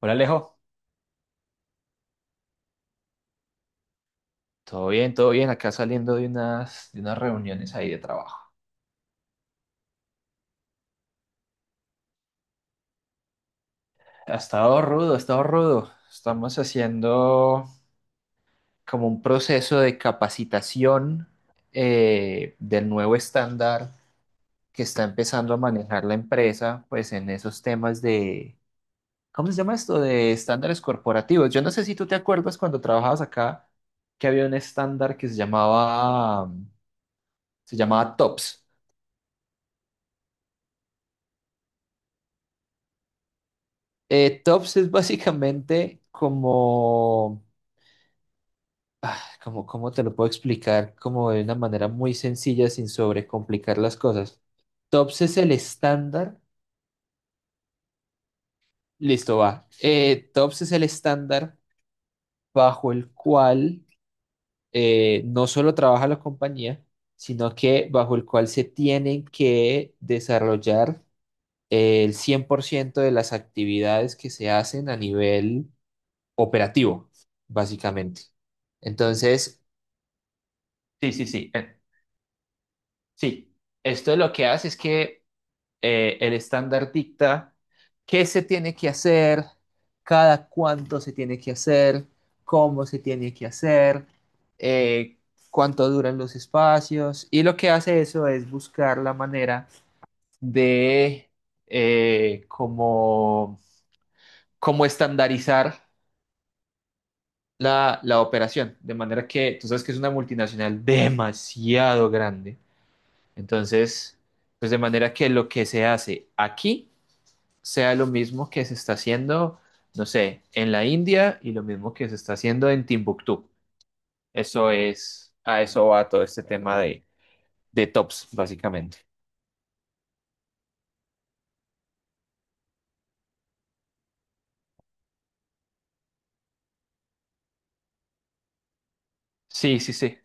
Hola Alejo, todo bien, acá saliendo de unas reuniones ahí de trabajo. Ha estado rudo, ha estado rudo. Estamos haciendo como un proceso de capacitación del nuevo estándar que está empezando a manejar la empresa, pues en esos temas de, ¿cómo se llama esto? De estándares corporativos. Yo no sé si tú te acuerdas cuando trabajabas acá que había un estándar que se llamaba TOPS. Tops es básicamente como, ¿cómo te lo puedo explicar? Como de una manera muy sencilla sin sobrecomplicar las cosas. Tops es el estándar, listo, va. Tops es el estándar bajo el cual no solo trabaja la compañía, sino que bajo el cual se tienen que desarrollar el 100% de las actividades que se hacen a nivel operativo, básicamente. Entonces, sí, sí, sí. Sí. Esto lo que hace es que el estándar dicta qué se tiene que hacer, cada cuánto se tiene que hacer, cómo se tiene que hacer, eh, cuánto duran los espacios. Y lo que hace eso es buscar la manera de eh, como, como estandarizar la operación. De manera que tú sabes que es una multinacional demasiado grande. Entonces, pues de manera que lo que se hace aquí sea lo mismo que se está haciendo, no sé, en la India y lo mismo que se está haciendo en Timbuktu. Eso es, a eso va todo este tema de tops, básicamente. Sí, sí, sí.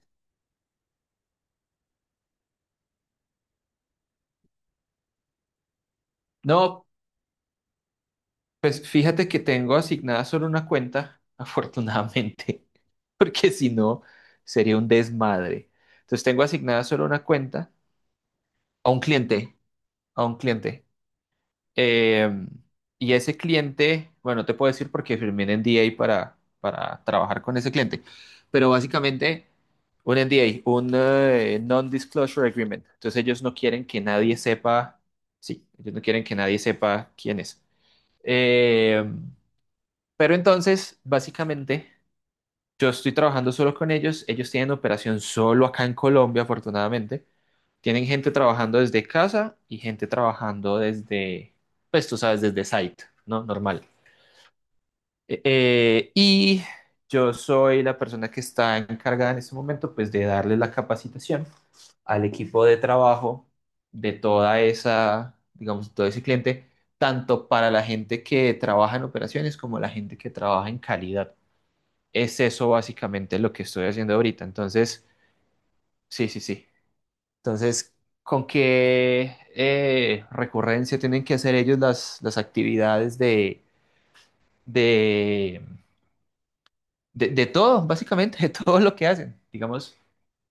No, pues fíjate que tengo asignada solo una cuenta, afortunadamente, porque si no, sería un desmadre. Entonces tengo asignada solo una cuenta a un cliente, a un cliente. Eh, y ese cliente, bueno, no te puedo decir porque firmé un NDA para trabajar con ese cliente, pero básicamente un NDA, un Non-Disclosure Agreement. Entonces ellos no quieren que nadie sepa, sí, ellos no quieren que nadie sepa quién es. Eh, pero entonces, básicamente, yo estoy trabajando solo con ellos, ellos tienen operación solo acá en Colombia, afortunadamente. Tienen gente trabajando desde casa y gente trabajando desde, pues tú sabes, desde site, ¿no? Normal. Y yo soy la persona que está encargada en este momento, pues, de darle la capacitación al equipo de trabajo de toda esa, digamos, todo ese cliente, tanto para la gente que trabaja en operaciones como la gente que trabaja en calidad. Es eso básicamente lo que estoy haciendo ahorita. Entonces, sí, sí, sí. Entonces, ¿con qué recurrencia tienen que hacer ellos las actividades de, de todo, básicamente, de todo lo que hacen? Digamos,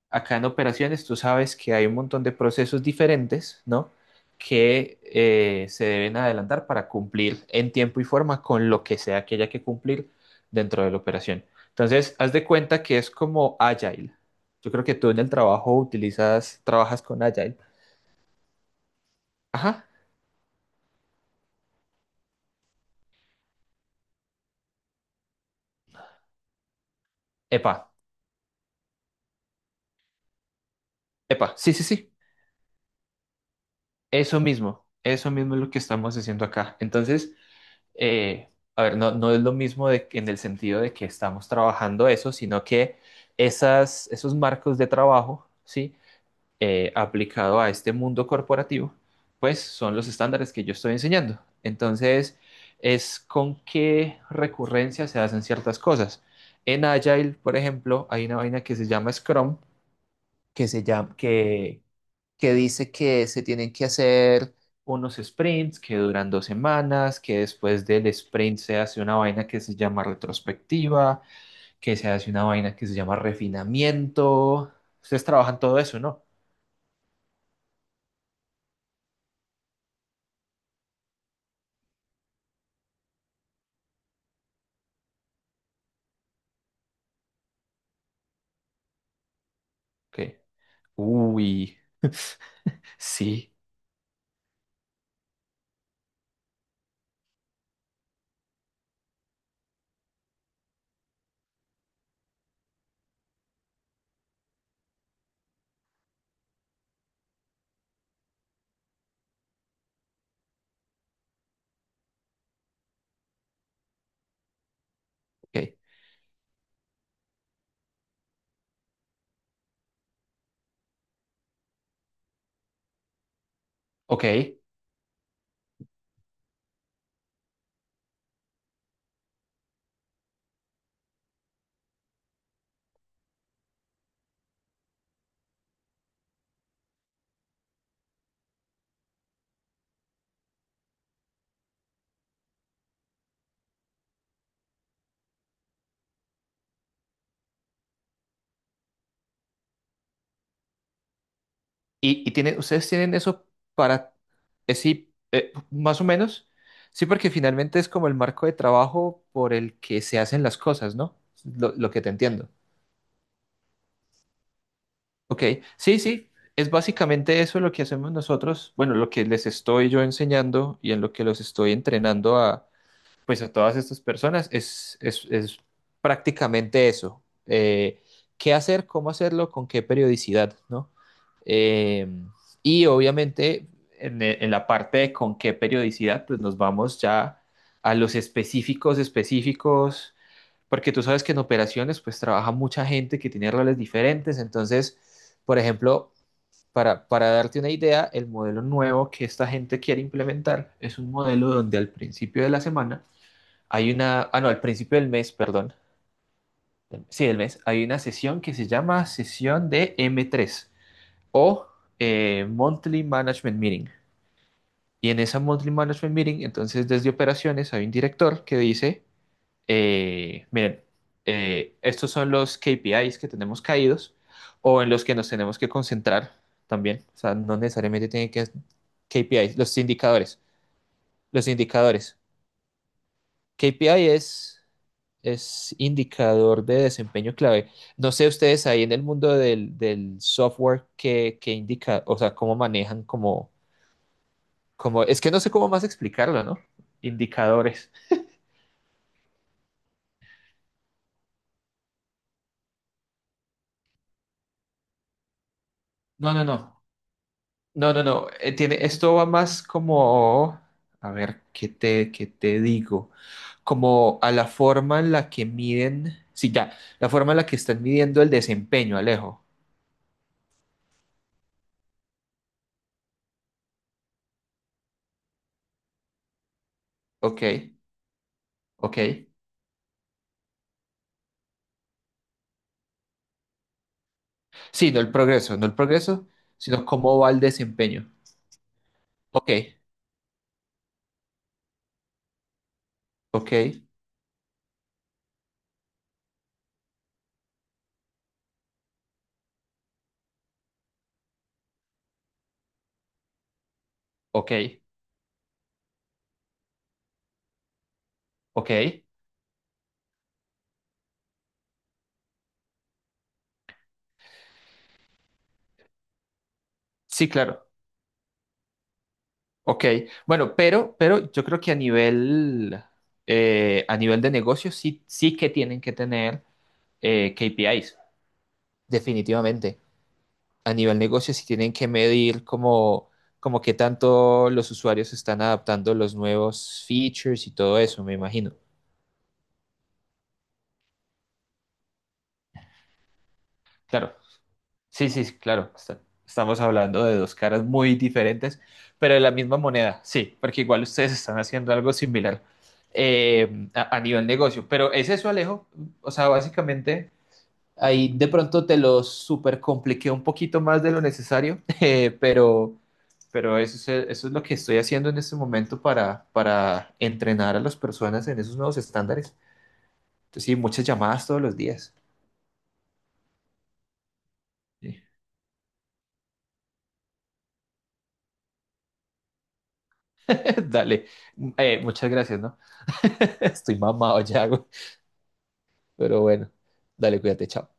acá en operaciones tú sabes que hay un montón de procesos diferentes, ¿no? Que se deben adelantar para cumplir en tiempo y forma con lo que sea que haya que cumplir dentro de la operación. Entonces, haz de cuenta que es como Agile. Yo creo que tú en el trabajo trabajas con Agile. Ajá. Epa. Epa, sí, sí, sí, eso mismo es lo que estamos haciendo acá. Entonces, eh, a ver, no, no es lo mismo en el sentido de que estamos trabajando eso, sino que esos marcos de trabajo, ¿sí? Aplicado a este mundo corporativo, pues son los estándares que yo estoy enseñando. Entonces, es con qué recurrencia se hacen ciertas cosas. En Agile, por ejemplo, hay una vaina que se llama Scrum, que se llama, que dice que se tienen que hacer unos sprints que duran dos semanas, que después del sprint se hace una vaina que se llama retrospectiva, que se hace una vaina que se llama refinamiento. Ustedes trabajan todo eso, ¿no? Ok. Uy. Sí. Ok. Ok. ¿Y ustedes tienen eso para... sí, más o menos. Sí, porque finalmente es como el marco de trabajo por el que se hacen las cosas, ¿no? Lo que te entiendo. Ok, sí, sí, es básicamente eso lo que hacemos nosotros, bueno, lo que les estoy yo enseñando y en lo que los estoy entrenando pues a todas estas personas es prácticamente eso. Qué hacer, cómo hacerlo, con qué periodicidad, ¿no? Eh, y obviamente en la parte de con qué periodicidad, pues nos vamos ya a los específicos específicos porque tú sabes que en operaciones pues trabaja mucha gente que tiene roles diferentes, entonces, por ejemplo, para darte una idea, el modelo nuevo que esta gente quiere implementar es un modelo donde al principio de la semana hay una, ah no, al principio del mes, perdón, sí, del mes, hay una sesión que se llama sesión de M3 o Monthly Management Meeting. Y en esa Monthly Management Meeting, entonces desde operaciones hay un director que dice, miren, estos son los KPIs que tenemos caídos o en los que nos tenemos que concentrar también. O sea, no necesariamente tienen que KPIs, los indicadores. Los indicadores. KPI es indicador de desempeño clave. No sé ustedes ahí en el mundo del software que, indica, o sea, cómo manejan como, es que no sé cómo más explicarlo, ¿no? Indicadores. No, no, no. No, no, no. Esto va más como, a ver, ¿qué te digo? Como a la forma en la que miden, sí, ya, la forma en la que están midiendo el desempeño, Alejo. Ok, ok. Sí, no el progreso, no el progreso, sino cómo va el desempeño. Ok, ok, ok, ok. Sí, claro, ok. Bueno, pero yo creo que a nivel de negocio sí, sí que tienen que tener KPIs, definitivamente. A nivel negocio si tienen que medir como qué tanto los usuarios están adaptando los nuevos features y todo eso, me imagino. Claro, sí, sí, sí, claro. Estamos hablando de dos caras muy diferentes, pero de la misma moneda, sí, porque igual ustedes están haciendo algo similar a nivel negocio. Pero es eso, Alejo. O sea, básicamente ahí de pronto te lo super compliqué un poquito más de lo necesario, pero eso es lo que estoy haciendo en este momento para entrenar a las personas en esos nuevos estándares. Entonces, sí, muchas llamadas todos los días. Sí. Dale, muchas gracias, ¿no? Estoy mamado ya, güey. Pero bueno, dale, cuídate, chao.